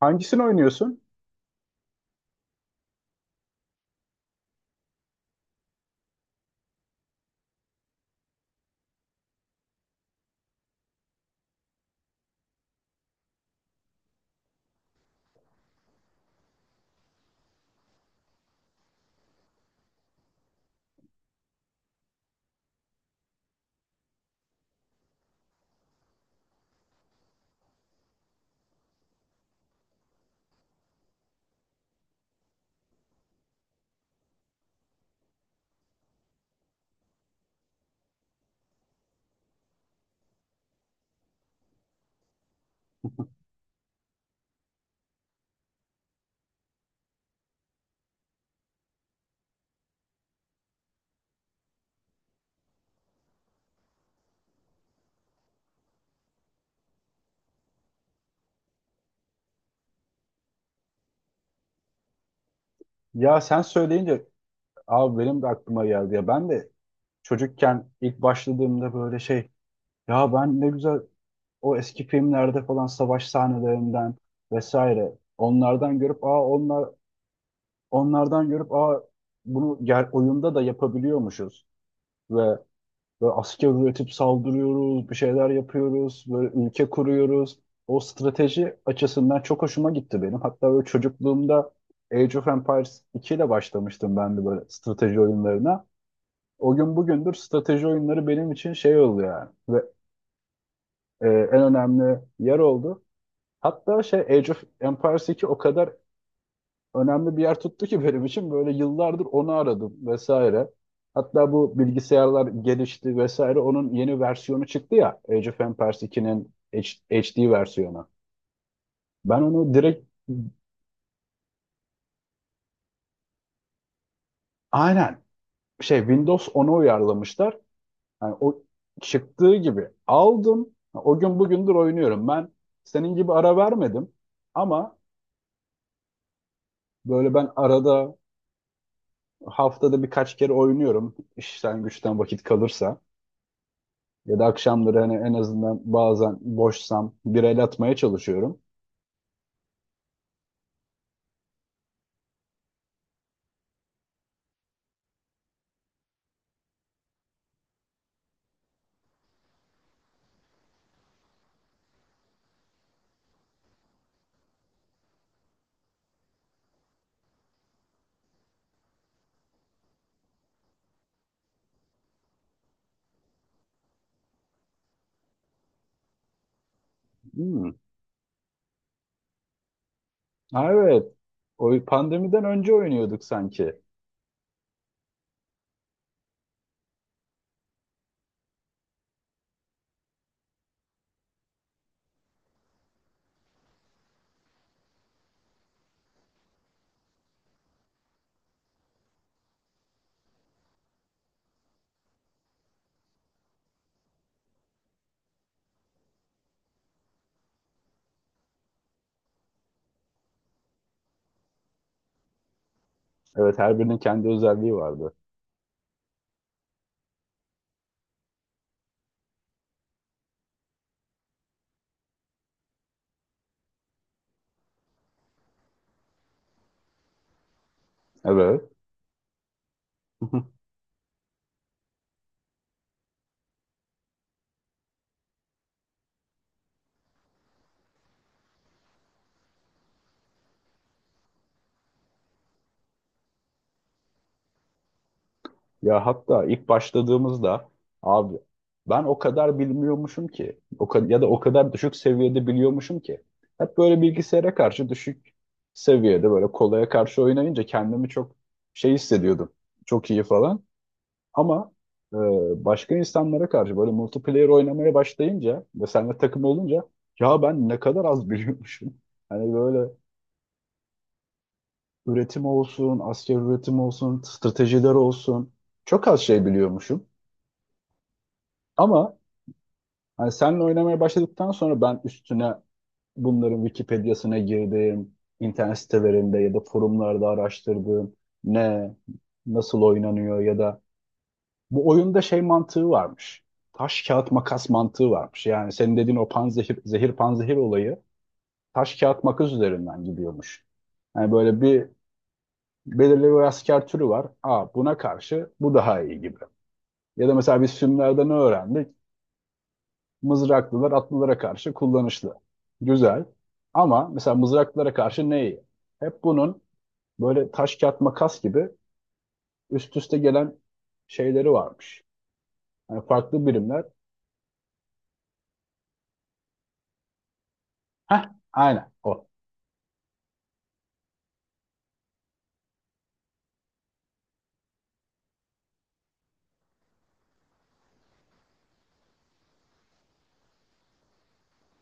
Hangisini oynuyorsun? Ya sen söyleyince abi benim de aklıma geldi ya. Ben de çocukken ilk başladığımda böyle şey ya ben ne güzel o eski filmlerde falan savaş sahnelerinden vesaire onlardan görüp aa onlardan görüp aa bunu oyunda da yapabiliyormuşuz ve böyle asker üretip saldırıyoruz, bir şeyler yapıyoruz, böyle ülke kuruyoruz. O strateji açısından çok hoşuma gitti benim. Hatta böyle çocukluğumda Age of Empires 2 ile başlamıştım ben de böyle strateji oyunlarına. O gün bugündür strateji oyunları benim için şey oldu yani. Ve en önemli yer oldu. Hatta şey Age of Empires 2 o kadar önemli bir yer tuttu ki benim için böyle yıllardır onu aradım vesaire. Hatta bu bilgisayarlar gelişti vesaire onun yeni versiyonu çıktı ya Age of Empires 2'nin HD versiyonu. Ben onu direkt aynen şey Windows 10'a uyarlamışlar. Yani o çıktığı gibi aldım. O gün bugündür oynuyorum. Ben senin gibi ara vermedim ama böyle ben arada haftada birkaç kere oynuyorum. İşten güçten vakit kalırsa. Ya da akşamları hani en azından bazen boşsam bir el atmaya çalışıyorum. Hmm. Ha, evet. O pandemiden önce oynuyorduk sanki. Evet, her birinin kendi özelliği vardı. Evet. Ya hatta ilk başladığımızda abi ben o kadar bilmiyormuşum ki ya da o kadar düşük seviyede biliyormuşum ki hep böyle bilgisayara karşı düşük seviyede böyle kolaya karşı oynayınca kendimi çok şey hissediyordum. Çok iyi falan. Ama e, başka insanlara karşı böyle multiplayer oynamaya başlayınca ve seninle takım olunca ya ben ne kadar az biliyormuşum. Hani böyle üretim olsun, asker üretim olsun, stratejiler olsun. Çok az şey biliyormuşum. Ama hani seninle oynamaya başladıktan sonra ben üstüne bunların Wikipedia'sına girdim, internet sitelerinde ya da forumlarda araştırdım. Ne, nasıl oynanıyor ya da bu oyunda şey mantığı varmış. Taş kağıt makas mantığı varmış. Yani senin dediğin o panzehir zehir panzehir olayı taş kağıt makas üzerinden gidiyormuş. Yani böyle bir belirli bir asker türü var. Aa, buna karşı bu daha iyi gibi. Ya da mesela biz filmlerde ne öğrendik? Mızraklılar atlılara karşı kullanışlı. Güzel. Ama mesela mızraklılara karşı ne iyi? Hep bunun böyle taş kağıt makas gibi üst üste gelen şeyleri varmış. Yani farklı birimler. Heh, aynen o.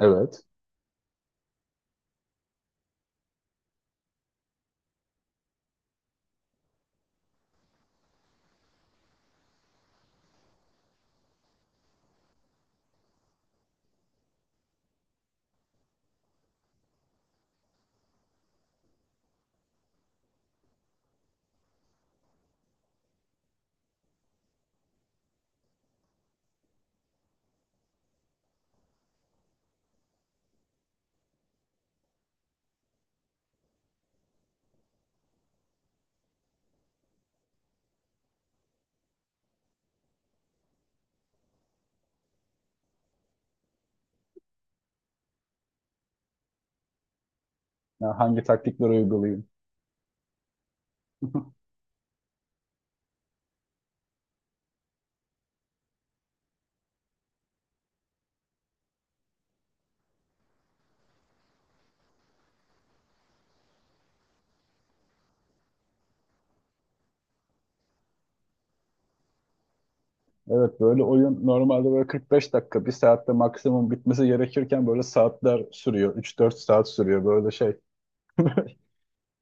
Evet. Ya hangi taktikleri uygulayayım? Evet, böyle oyun normalde böyle 45 dakika, bir saatte maksimum bitmesi gerekirken böyle saatler sürüyor. 3-4 saat sürüyor böyle şey.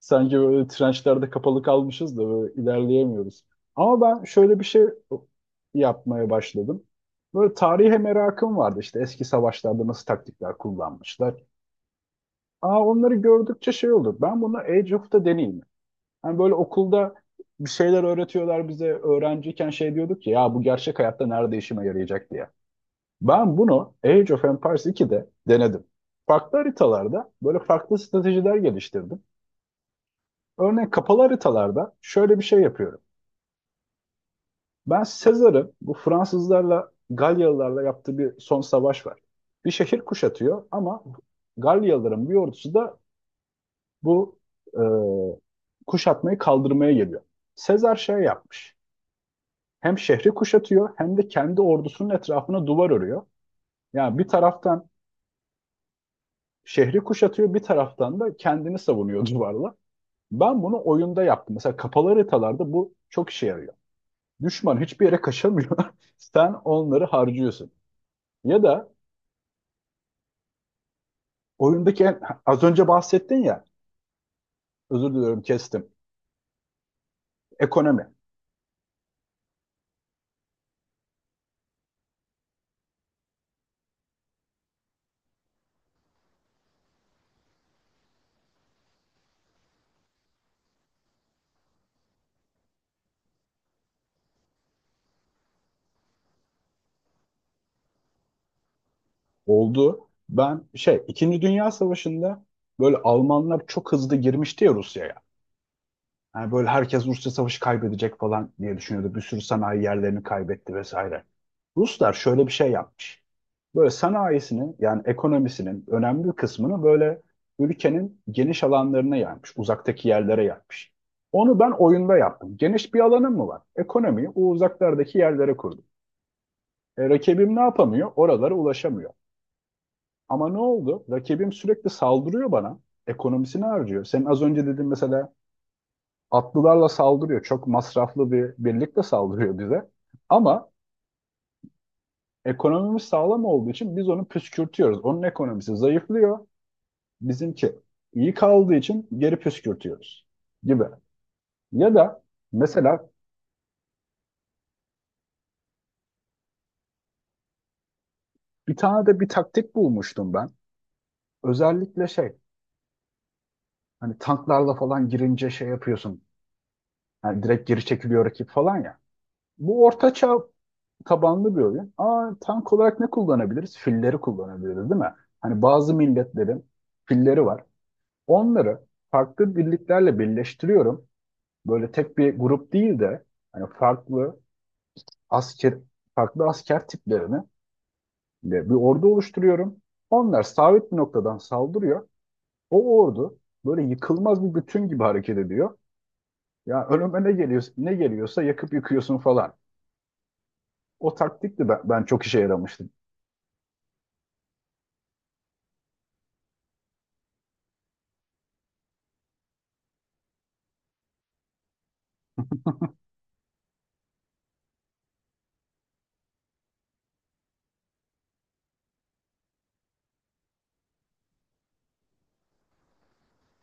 Sanki böyle trençlerde kapalı kalmışız da böyle ilerleyemiyoruz. Ama ben şöyle bir şey yapmaya başladım. Böyle tarihe merakım vardı. İşte eski savaşlarda nasıl taktikler kullanmışlar. Aa, onları gördükçe şey olur. Ben bunu Age of'ta deneyeyim. Hani böyle okulda bir şeyler öğretiyorlar bize. Öğrenciyken şey diyorduk ki ya bu gerçek hayatta nerede işime yarayacak diye. Ben bunu Age of Empires 2'de denedim. Farklı haritalarda böyle farklı stratejiler geliştirdim. Örneğin kapalı haritalarda şöyle bir şey yapıyorum. Ben Sezar'ın bu Fransızlarla Galyalılarla yaptığı bir son savaş var. Bir şehir kuşatıyor ama Galyalıların bir ordusu da bu e, kuşatmayı kaldırmaya geliyor. Sezar şey yapmış. Hem şehri kuşatıyor hem de kendi ordusunun etrafına duvar örüyor. Yani bir taraftan şehri kuşatıyor, bir taraftan da kendini savunuyor duvarla. Ben bunu oyunda yaptım. Mesela kapalı haritalarda bu çok işe yarıyor. Düşman hiçbir yere kaçamıyor. Sen onları harcıyorsun. Ya da oyundaki en- az önce bahsettin ya, özür diliyorum kestim. Ekonomi oldu. Ben şey, İkinci Dünya Savaşı'nda böyle Almanlar çok hızlı girmişti ya Rusya'ya. Yani böyle herkes Rusya savaşı kaybedecek falan diye düşünüyordu. Bir sürü sanayi yerlerini kaybetti vesaire. Ruslar şöyle bir şey yapmış. Böyle sanayisini yani ekonomisinin önemli bir kısmını böyle ülkenin geniş alanlarına yaymış. Uzaktaki yerlere yaymış. Onu ben oyunda yaptım. Geniş bir alanım mı var? Ekonomiyi o uzaklardaki yerlere kurdum. Rakibim ne yapamıyor? Oralara ulaşamıyor. Ama ne oldu? Rakibim sürekli saldırıyor bana. Ekonomisini harcıyor. Senin az önce dediğin mesela atlılarla saldırıyor. Çok masraflı bir birlikte saldırıyor bize. Ama ekonomimiz sağlam olduğu için biz onu püskürtüyoruz. Onun ekonomisi zayıflıyor. Bizimki iyi kaldığı için geri püskürtüyoruz gibi. Ya da mesela bir tane de bir taktik bulmuştum ben. Özellikle şey hani tanklarla falan girince şey yapıyorsun. Yani direkt geri çekiliyor rakip falan ya. Bu ortaçağ tabanlı bir oyun. Aa, tank olarak ne kullanabiliriz? Filleri kullanabiliriz değil mi? Hani bazı milletlerin filleri var. Onları farklı birliklerle birleştiriyorum. Böyle tek bir grup değil de hani asker farklı asker tiplerini de bir ordu oluşturuyorum. Onlar sabit bir noktadan saldırıyor. O ordu böyle yıkılmaz bir bütün gibi hareket ediyor. Ya önüme ne geliyor, ne geliyorsa yakıp yıkıyorsun falan. O taktik de ben çok işe yaramıştı.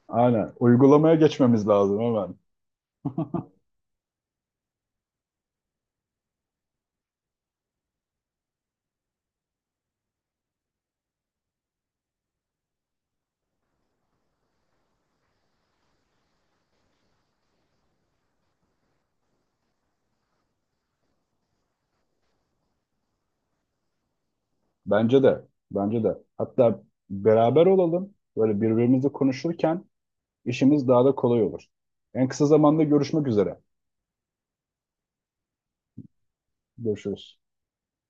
Aynen. Uygulamaya geçmemiz lazım hemen. Bence de. Bence de. Hatta beraber olalım. Böyle birbirimizle konuşurken işimiz daha da kolay olur. En kısa zamanda görüşmek üzere. Görüşürüz.